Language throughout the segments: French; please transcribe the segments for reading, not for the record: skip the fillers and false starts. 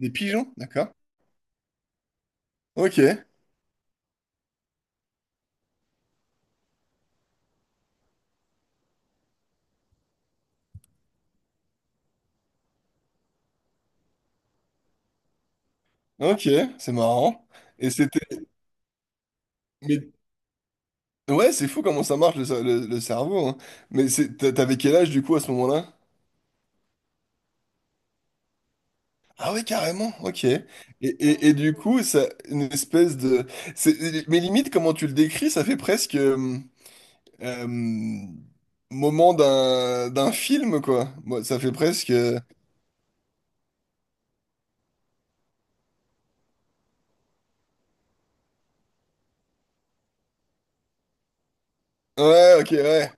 Des pigeons, d'accord. Ok, ok, c'est marrant. Et c'était. Mais ouais, c'est fou comment ça marche le cerveau, hein. Mais t'avais quel âge du coup à ce moment-là? Ah ouais, carrément, ok. Et du coup, ça, une espèce de. Mais limite, comment tu le décris, ça fait presque. Euh, moment d'un film, quoi. Moi, ça fait presque. Ouais, ok, ouais.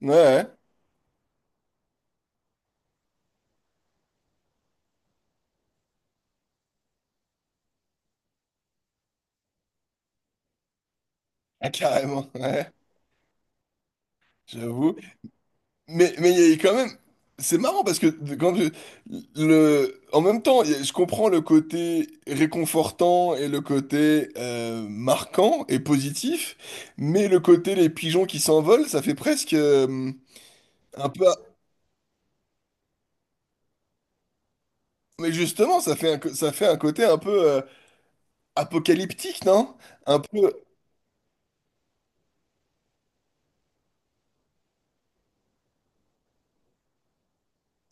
Ouais, ouais. Ah, carrément, ouais. J'avoue. Mais il y a quand même, c'est marrant parce que en même temps, je comprends le côté réconfortant et le côté marquant et positif, mais le côté les pigeons qui s'envolent, ça fait presque un peu, mais justement, ça fait ça fait un côté un peu apocalyptique, non? Un peu,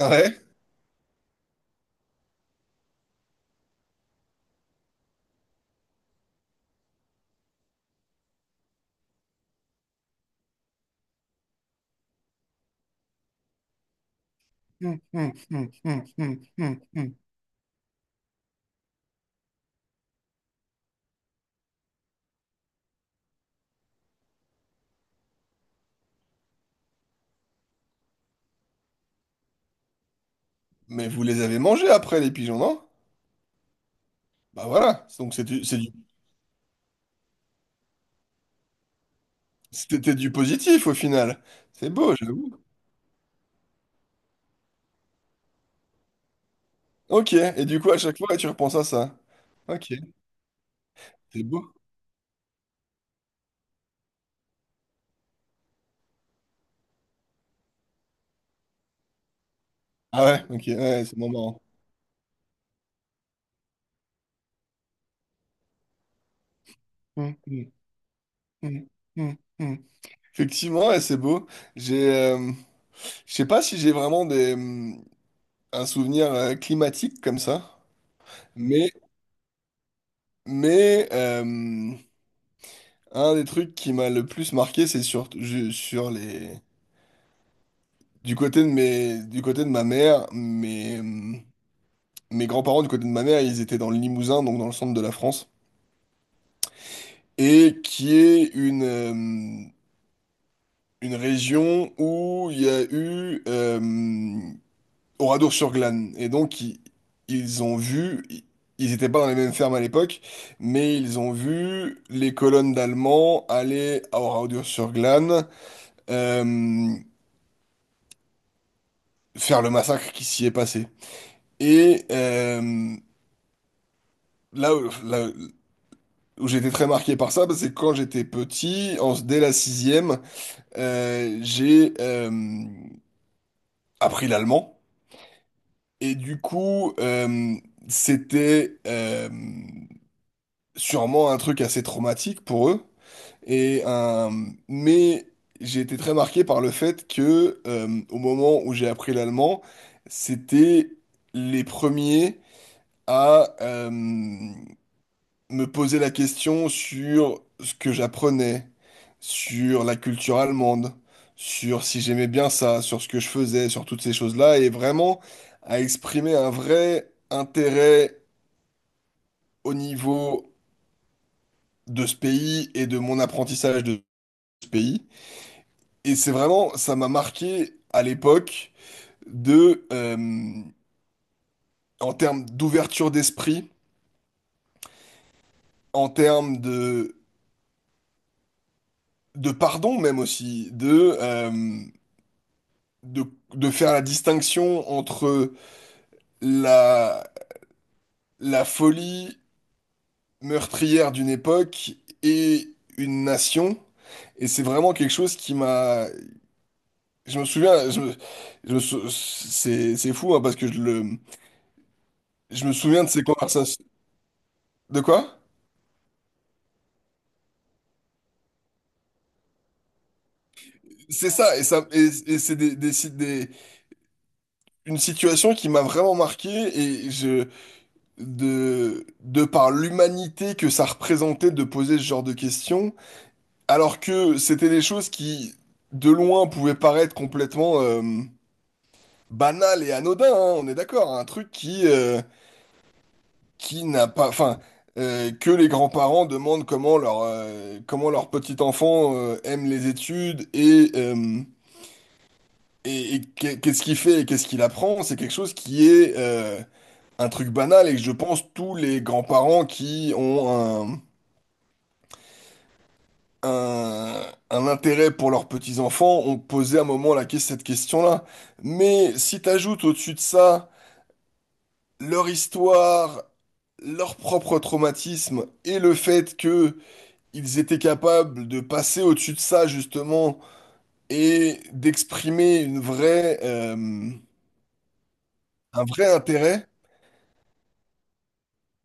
ouais. Hum, hum, hum, hum, hum, hum, hum. Mais vous les avez mangés après les pigeons, non? Bah voilà, donc c'est du, c'est du. C'était du positif au final. C'est beau, j'avoue. Ok, et du coup, à chaque fois, tu repenses à ça. Ok, c'est beau. Ah ouais, ok, ouais, ouais, c'est vraiment marrant. Hum, hum, hum, hum, hum. Effectivement, ouais, c'est beau. J'ai, euh, je sais pas si j'ai vraiment un souvenir climatique comme ça, mais, mais euh, un des trucs qui m'a le plus marqué, c'est sur, je- sur les, du côté de mes, du côté de ma mère, mais mes grands-parents du côté de ma mère, ils étaient dans le Limousin, donc dans le centre de la France, et qui est une région où il y a eu Oradour-sur-Glane. Et donc, ils ont vu, ils n'étaient pas dans les mêmes fermes à l'époque, mais ils ont vu les colonnes d'Allemands aller à Oradour-sur-Glane euh, faire le massacre qui s'y est passé. Et là, là, où J'ai été très marqué par ça, parce que quand j'étais petit, dès la sixième, j'ai appris l'allemand. Et du coup, c'était sûrement un truc assez traumatique pour eux. Et, euh, mais j'ai été très marqué par le fait que au moment où j'ai appris l'allemand, c'était les premiers à me poser la question sur ce que j'apprenais, sur la culture allemande, sur si j'aimais bien ça, sur ce que je faisais, sur toutes ces choses-là, et vraiment à exprimer un vrai intérêt au niveau de ce pays et de mon apprentissage de ce pays. Et c'est vraiment, ça m'a marqué à l'époque de, euh, en termes d'ouverture d'esprit, en termes de pardon même aussi, de, de faire la distinction entre la, la folie meurtrière d'une époque et une nation. Et c'est vraiment quelque chose qui m'a... Je me souviens, c'est fou, hein, parce que je me souviens de ces conversations. De quoi? C'est ça, et ça, et c'est des, si- des- une situation qui m'a vraiment marqué, et je, de par l'humanité que ça représentait de poser ce genre de questions. Alors que c'était des choses qui, de loin, pouvaient paraître complètement banales et anodines, hein, on est d'accord, un truc qui n'a pas, enfin, que les grands-parents demandent comment leur petit enfant aime les études et qu'est-ce qu'il fait et qu'est-ce qu'il apprend, c'est quelque chose qui est un truc banal et que je pense tous les grands-parents qui ont un, un intérêt pour leurs petits-enfants ont posé à un moment cette question-là. Mais si t'ajoutes au-dessus de ça leur histoire, leur propre traumatisme et le fait que ils étaient capables de passer au-dessus de ça justement et d'exprimer un vrai intérêt,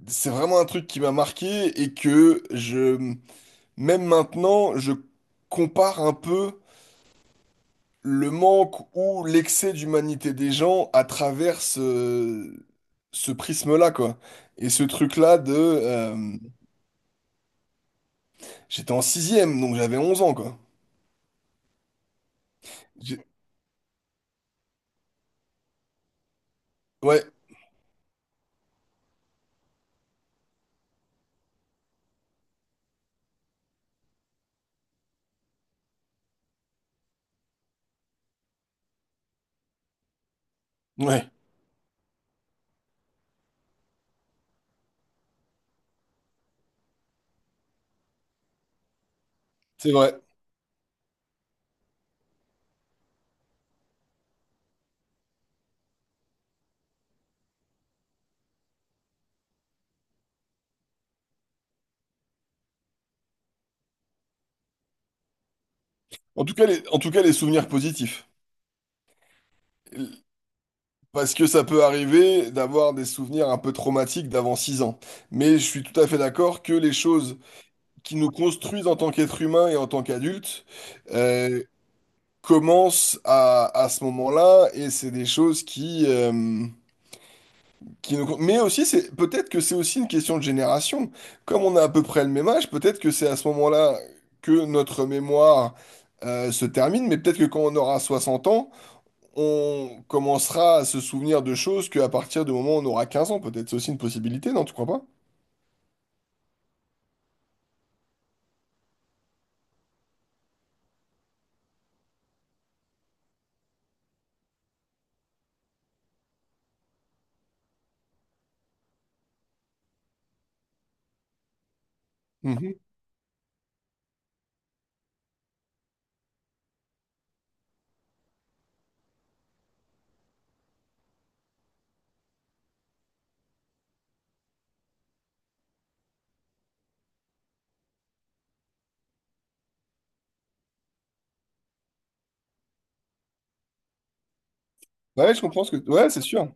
c'est vraiment un truc qui m'a marqué et que même maintenant, je compare un peu le manque ou l'excès d'humanité des gens à travers ce, ce prisme-là, quoi. Et ce truc-là de... j'étais en sixième, donc j'avais 11 ans, quoi. J'ai- ouais, ouais, c'est vrai. En tout cas, les, en tout cas, les souvenirs positifs. Parce que ça peut arriver d'avoir des souvenirs un peu traumatiques d'avant 6 ans. Mais je suis tout à fait d'accord que les choses qui nous construisent en tant qu'être humain et en tant qu'adulte commence à ce moment-là et c'est des choses qui nous... Mais aussi, c'est peut-être que c'est aussi une question de génération. Comme on a à peu près le même âge, peut-être que c'est à ce moment-là que notre mémoire se termine, mais peut-être que quand on aura 60 ans, on commencera à se souvenir de choses qu'à partir du moment où on aura 15 ans, peut-être. C'est aussi une possibilité, non, tu crois pas? Mhm. Ouais, je comprends ce que... ouais, c'est sûr.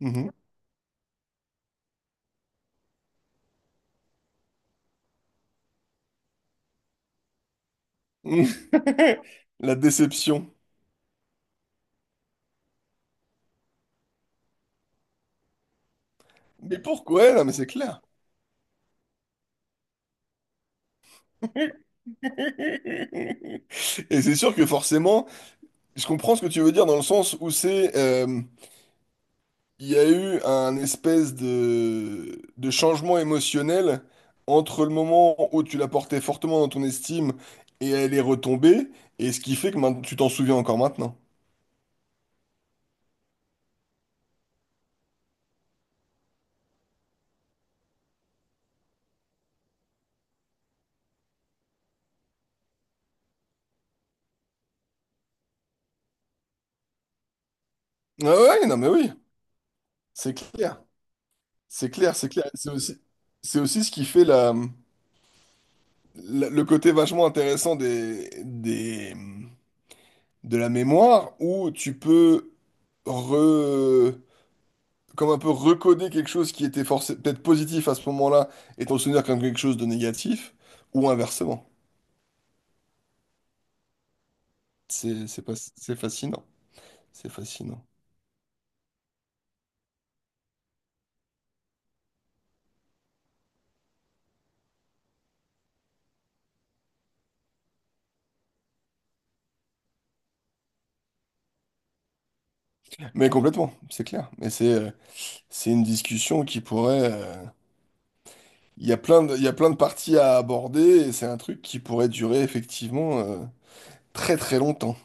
Mhm. La déception. Mais pourquoi? Ouais, non, mais c'est clair. Et c'est sûr que forcément, je comprends ce que tu veux dire dans le sens où il y a eu un espèce de changement émotionnel entre le moment où tu la portais fortement dans ton estime et elle est retombée, et ce qui fait que maintenant, tu t'en souviens encore maintenant. Ah ouais, non mais oui, c'est clair, c'est clair, c'est clair. C'est aussi ce qui fait le côté vachement intéressant des, de la mémoire où tu peux re... comme un peu recoder quelque chose qui était peut-être positif à ce moment-là et t'en souvenir comme quelque chose de négatif, ou inversement. C'est pas... c'est fascinant. C'est fascinant. Mais complètement, c'est clair. Mais c'est une discussion qui pourrait... il y a plein de... il y a plein de parties à aborder et c'est un truc qui pourrait durer effectivement très très longtemps.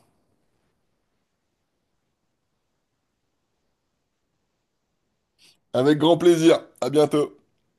Avec grand plaisir. À bientôt.